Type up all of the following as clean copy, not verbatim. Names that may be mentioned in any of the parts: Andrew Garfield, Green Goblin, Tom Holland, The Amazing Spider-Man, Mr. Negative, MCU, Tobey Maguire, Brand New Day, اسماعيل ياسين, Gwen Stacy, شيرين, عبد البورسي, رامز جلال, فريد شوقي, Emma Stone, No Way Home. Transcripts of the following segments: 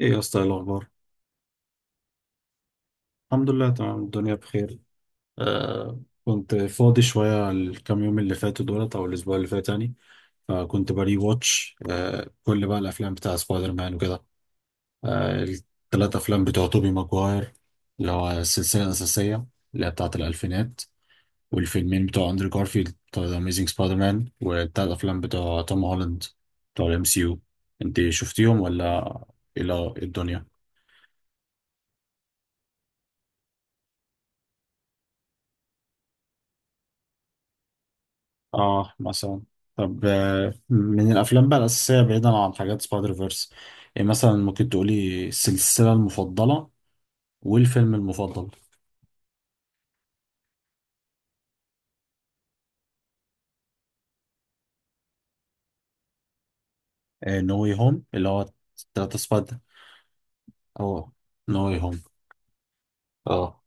ايه يا اسطى؟ إيه الاخبار؟ الحمد لله، تمام، الدنيا بخير. آه. كنت فاضي شويه الكام يوم اللي فاتوا دولت او الاسبوع اللي فات يعني. فكنت بري واتش كل بقى الافلام بتاع سبايدر مان وكده. الثلاث افلام بتوع توبي ماجواير، اللي هو السلسله الاساسيه، اللي هي بتاعه الالفينات، والفيلمين بتوع اندرو جارفيلد بتوع ذا اميزنج سبايدر مان، والثلاث افلام بتوع توم هولاند، بتوع الام سي يو. انت شفتيهم ولا؟ إيه الدنيا؟ اه مثلا. طب، من الافلام بقى الاساسيه بعيدا عن حاجات سبايدر فيرس، يعني مثلا ممكن تقولي السلسله المفضله والفيلم المفضل. نو واي هوم اللي هو التلاتة سبايدر. اه، نو واي هوم، اه.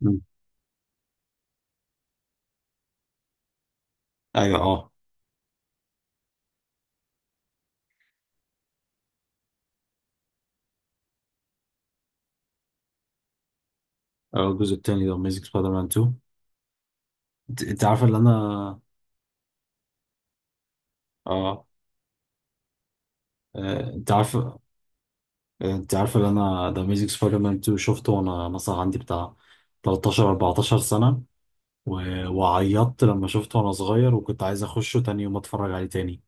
مم. ايوه، اه. الجزء التاني ده اميزنج سبايدر مان 2. انت عارفه اللي انا. اه. انت عارفه. انت عارفه اللي انا، ده اميزنج سبايدر مان 2 شفته وانا مثلا عندي بتاع 13 14 سنه. و- وعيطت لما شفته وانا صغير، وكنت عايز اخشه تاني يوم اتفرج عليه تاني.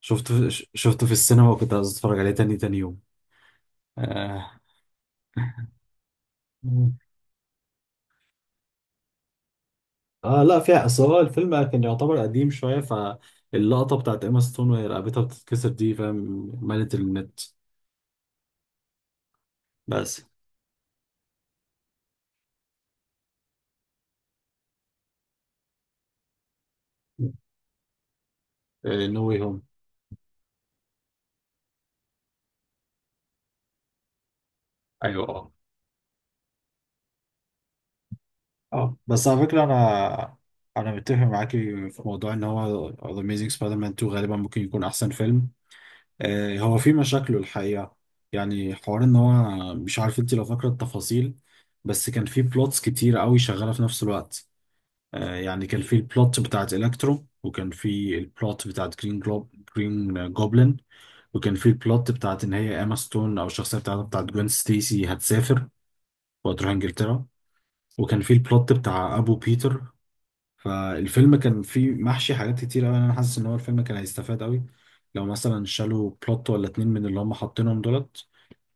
شفته في السينما وكنت عايز اتفرج عليه تاني تاني يوم. اه. لا، فيها اصل، هو الفيلم كان يعتبر قديم شوية، فاللقطة بتاعت ايما ستون وهي رقبتها بتتكسر دي، فاهم، مالت النت. بس نو واي هوم. ايوه اه. اه بس على فكرة انا، انا متفق معاكي في موضوع ان هو The Amazing Spider-Man 2 غالبا ممكن يكون احسن فيلم. هو في مشاكله الحقيقة، يعني حوار ان هو، مش عارف انت لو فاكرة التفاصيل، بس كان في بلوتس كتير قوي شغالة في نفس الوقت. يعني كان في البلوت بتاعت الكترو، وكان في البلوت بتاعت جرين جلوب جرين جوبلin، وكان في البلوت بتاعت ان هي اما ستون او الشخصية بتاعتها بتاعت جوين ستيسي هتسافر وهتروح انجلترا، وكان في البلوت بتاع ابو بيتر. فالفيلم كان فيه محشي حاجات كتير قوي. انا حاسس ان هو الفيلم كان هيستفاد قوي لو مثلا شالوا بلوت ولا اتنين من اللي هم حاطينهم دولت،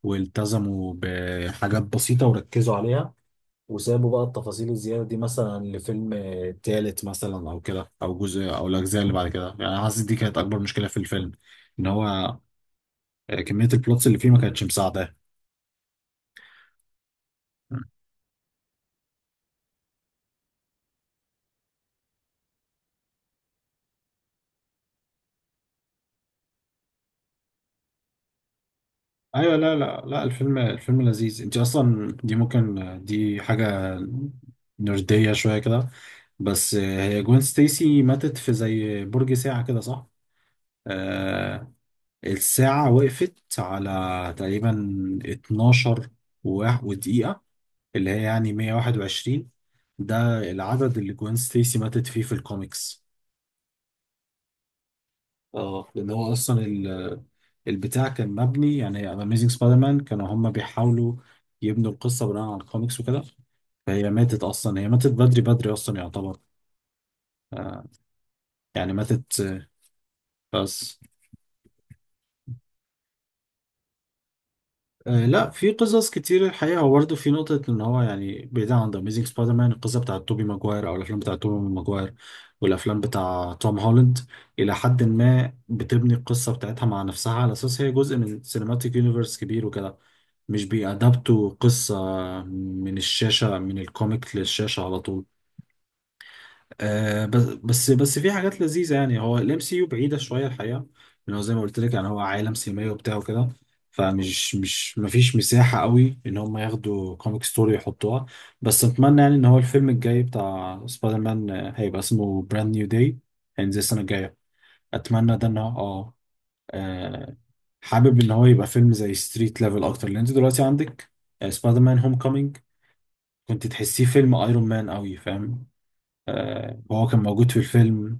والتزموا بحاجات بسيطة وركزوا عليها، وسابوا بقى التفاصيل الزيادة دي مثلا لفيلم تالت مثلا، أو كده، أو جزء أو الأجزاء اللي بعد كده. يعني أنا حاسس دي كانت أكبر مشكلة في الفيلم، إن هو كمية البلوتس اللي فيه ما كانتش مساعدة. ايوه. لا، الفيلم لذيذ، انت اصلا دي ممكن، دي حاجه نرديه شويه كده. بس هي جوين ستيسي ماتت في زي برج ساعه كده، صح؟ آه. الساعه وقفت على تقريبا 12 و- ودقيقه، اللي هي يعني 121. ده العدد اللي جوين ستيسي ماتت فيه في الكوميكس. اه، لان هو اصلا البتاع كان مبني، يعني اميزنج سبايدر مان كانوا هم بيحاولوا يبنوا القصه بناء على الكوميكس وكده. فهي ماتت اصلا، هي ماتت بدري بدري اصلا يعتبر. آه، يعني ماتت. بس. لا، في قصص كتير الحقيقه. هو برضه في نقطه ان هو يعني، بعيد عن ذا اميزنج سبايدر مان، القصه بتاعت توبي ماجواير او الافلام بتاعت توبي ماجواير والافلام بتاع توم هولاند، الى حد ما بتبني القصه بتاعتها مع نفسها على اساس هي جزء من سينماتيك يونيفرس كبير وكده، مش بيأدبتوا قصة من الشاشة، من الكوميك للشاشة على طول. بس في حاجات لذيذة. يعني هو الام سي يو بعيدة شوية الحقيقة، لأن هو زي ما قلت لك، يعني هو عالم سينمائي وبتاع وكده، فمش مش مفيش مساحة قوي إن هم ياخدوا كوميك ستوري يحطوها. بس أتمنى يعني إن هو الفيلم الجاي بتاع سبايدر مان، هيبقى اسمه براند نيو داي، هينزل السنة الجاية، أتمنى ده إن هو. آه، حابب ان هو يبقى فيلم زي ستريت ليفل اكتر، لان انت دلوقتي عندك، سبايدر مان هوم كومينج، كنت تحسيه فيلم ايرون مان قوي، فاهم؟ هو كان موجود في الفيلم.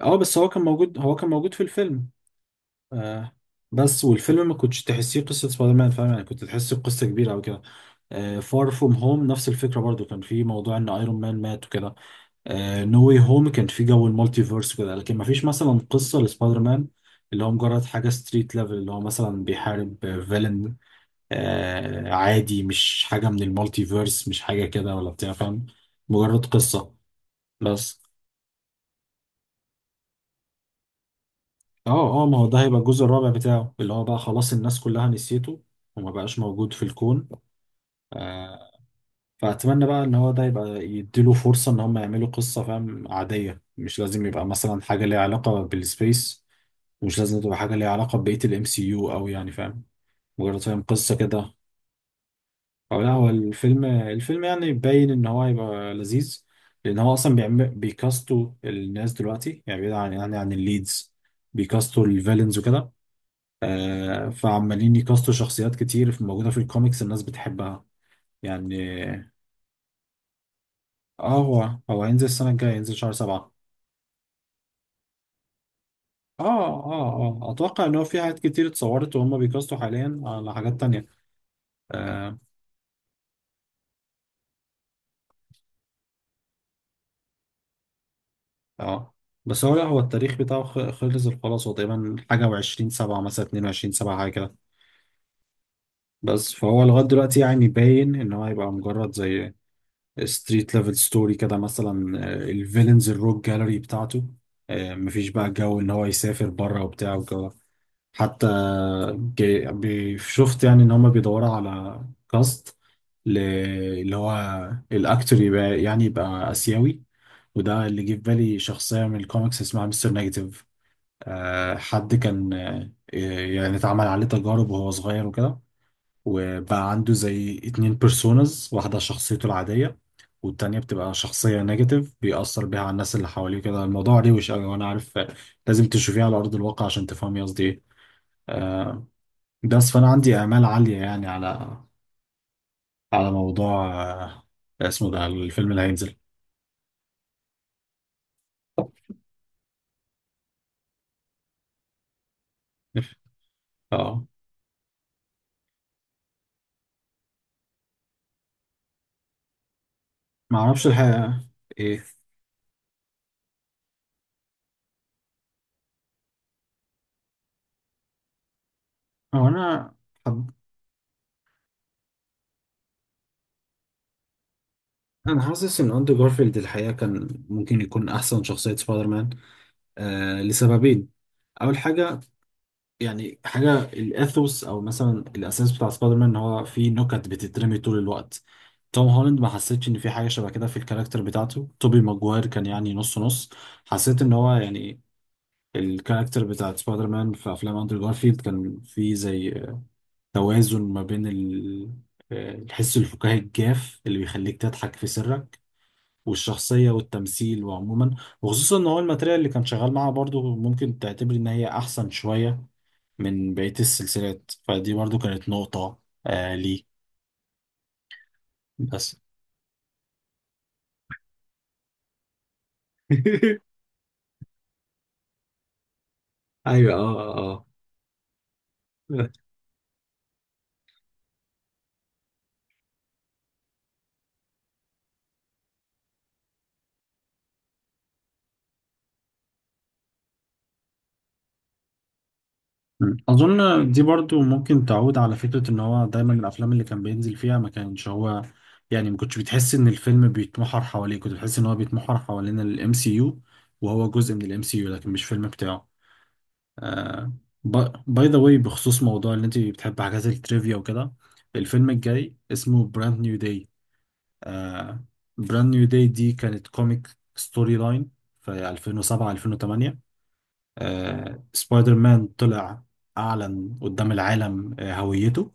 اه، بس هو كان موجود، هو كان موجود في الفيلم. آه، بس والفيلم ما كنتش تحسيه قصة سبايدر مان، فاهم يعني؟ كنت تحسه قصة كبيرة او كده. آه، فار فروم هوم نفس الفكرة برضو، كان في موضوع ان ايرون مان مات وكده. نو واي هوم كان في جو المالتيفيرس كده، لكن ما فيش مثلا قصه لسبايدر مان اللي هو مجرد حاجه ستريت ليفل، اللي هو مثلا بيحارب فيلن آه عادي، مش حاجه من المالتيفيرس، مش حاجه كده ولا بتاع، فاهم؟ مجرد قصه. بس. اه اه، ما هو ده هيبقى الجزء الرابع بتاعه اللي هو بقى خلاص الناس كلها نسيته، وما بقاش موجود في الكون. آه. فأتمنى بقى إن هو ده يبقى يديله فرصة إن هم يعملوا قصة، فاهم، عادية، مش لازم يبقى مثلا حاجة ليها علاقة بالسبيس، ومش لازم تبقى حاجة ليها علاقة ببقية الام سي يو أوي، يعني فاهم، مجرد فاهم قصة كده. أو لا، هو الفيلم يعني باين إن هو هيبقى لذيذ، لأن هو أصلا بيعمل، بيكاستوا الناس دلوقتي يعني، بعيد عن يعني عن الليدز، بيكاستوا الفيلنز وكده. آه، فعمالين يكاستوا شخصيات كتير موجودة في الكوميكس الناس بتحبها يعني. اه، هو هينزل السنة الجاية، هينزل شهر سبعة. اه، اتوقع ان هو في حاجات كتير اتصورت، وهم بيكاستوا حاليا على حاجات تانية. اه اه. بس هو لا هو التاريخ بتاعه خلص خلاص، هو تقريبا حاجة وعشرين سبعة مثلا، اتنين وعشرين سبعة حاجة كده. بس فهو لغاية دلوقتي يعني باين ان هو هيبقى مجرد زي ستريت ليفل ستوري كده، مثلا الفيلنز الروك جاليري بتاعته، مفيش بقى جو ان هو يسافر بره وبتاع والجو. حتى شفت يعني ان هما بيدوروا على كاست ل- اللي هو الاكتور يبقى يعني يبقى اسيوي. وده اللي جه في بالي شخصيه من الكوميكس اسمها مستر نيجاتيف، حد كان، يعني اتعمل عليه تجارب وهو صغير وكده، وبقى عنده زي اتنين بيرسونز، واحده شخصيته العاديه، والتانية بتبقى شخصية نيجاتيف بيأثر بيها على الناس اللي حواليه كده. الموضوع روش أوي وأنا عارف لازم تشوفيه على أرض الواقع عشان تفهمي قصدي إيه. آه، بس فانا عندي امال عاليه يعني على موضوع اسمه ده الفيلم اللي هينزل. اه، ما اعرفش الحقيقه. ايه؟ هو انا حب... انا حاسس ان اندرو جارفيلد الحقيقه كان ممكن يكون احسن شخصيه سبايدر مان، لسببين. اول حاجه، يعني حاجه الاثوس او مثلا الاساس بتاع سبايدر مان، ان هو في نكت بتترمي طول الوقت. توم هولاند ما حسيتش ان في حاجه شبه كده في الكاركتر بتاعته. توبي ماجواير كان يعني نص نص، حسيت ان هو يعني، الكاركتر بتاعت سبايدر مان في افلام اندرو جارفيلد كان في زي توازن ما بين الحس الفكاهي الجاف اللي بيخليك تضحك في سرك، والشخصية والتمثيل وعموما. وخصوصا ان هو الماتريال اللي كان شغال معاها برضو ممكن تعتبر ان هي احسن شوية من بقية السلسلات، فدي برضو كانت نقطة لي. بس ايوه اه اه. مم. أظن دي برضو ممكن تعود على فكرة إن هو دايما الأفلام اللي كان بينزل فيها ما كانش هو، يعني ما كنتش بتحس إن الفيلم بيتمحور حواليه، كنت بتحس إن هو بيتمحور حوالين الام سي يو، وهو جزء من الام سي يو لكن مش فيلم بتاعه. باي ذا واي، بخصوص موضوع إن أنت بتحب حاجات التريفيا وكده، الفيلم الجاي اسمه براند نيو داي. براند نيو داي دي كانت كوميك ستوري لاين في 2007 2008. سبايدر مان طلع أعلن قدام العالم هويته،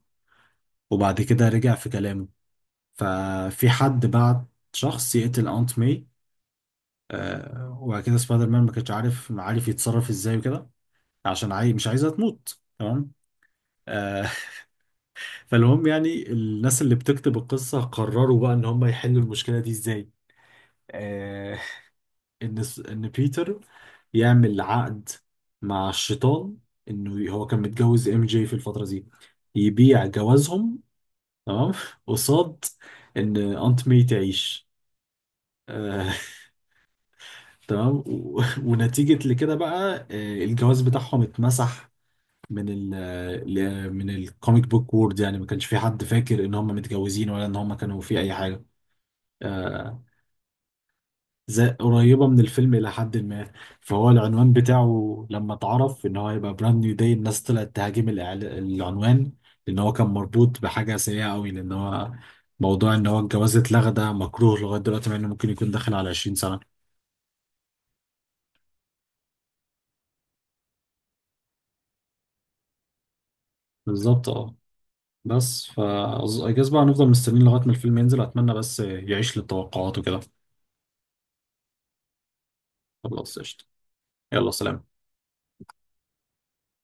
وبعد كده رجع في كلامه. ففي حد بعت شخص يقتل أنت ماي، وبعد كده سبايدر مان ما كانش عارف يتصرف ازاي وكده، عشان عاي... مش عايزها تموت، تمام؟ آه، فالمهم يعني الناس اللي بتكتب القصة قرروا بقى إن هم يحلوا المشكلة دي ازاي. آه، ان بيتر يعمل عقد مع الشيطان، انه هو كان متجوز ام جي في الفتره دي، يبيع جوازهم، تمام، قصاد ان انت مي تعيش. آه، تمام، و- ونتيجه لكده بقى الجواز بتاعهم اتمسح من من الكوميك بوك وورد، يعني ما كانش في حد فاكر ان هم متجوزين ولا ان هم كانوا في اي حاجه. آه، زي قريبة من الفيلم إلى حد ما. فهو العنوان بتاعه لما اتعرف إن هو هيبقى براند نيو داي، الناس طلعت تهاجم العنوان، لأن هو كان مربوط بحاجة سيئة أوي، لأن هو موضوع إن هو الجواز اتلغى ده مكروه لغاية دلوقتي، مع إنه ممكن يكون داخل على 20 سنة. بالظبط أه. بس فا I guess بقى هنفضل مستنيين لغاية ما الفيلم ينزل، أتمنى بس يعيش للتوقعات وكده. خلاص قشطة. يلا سلام.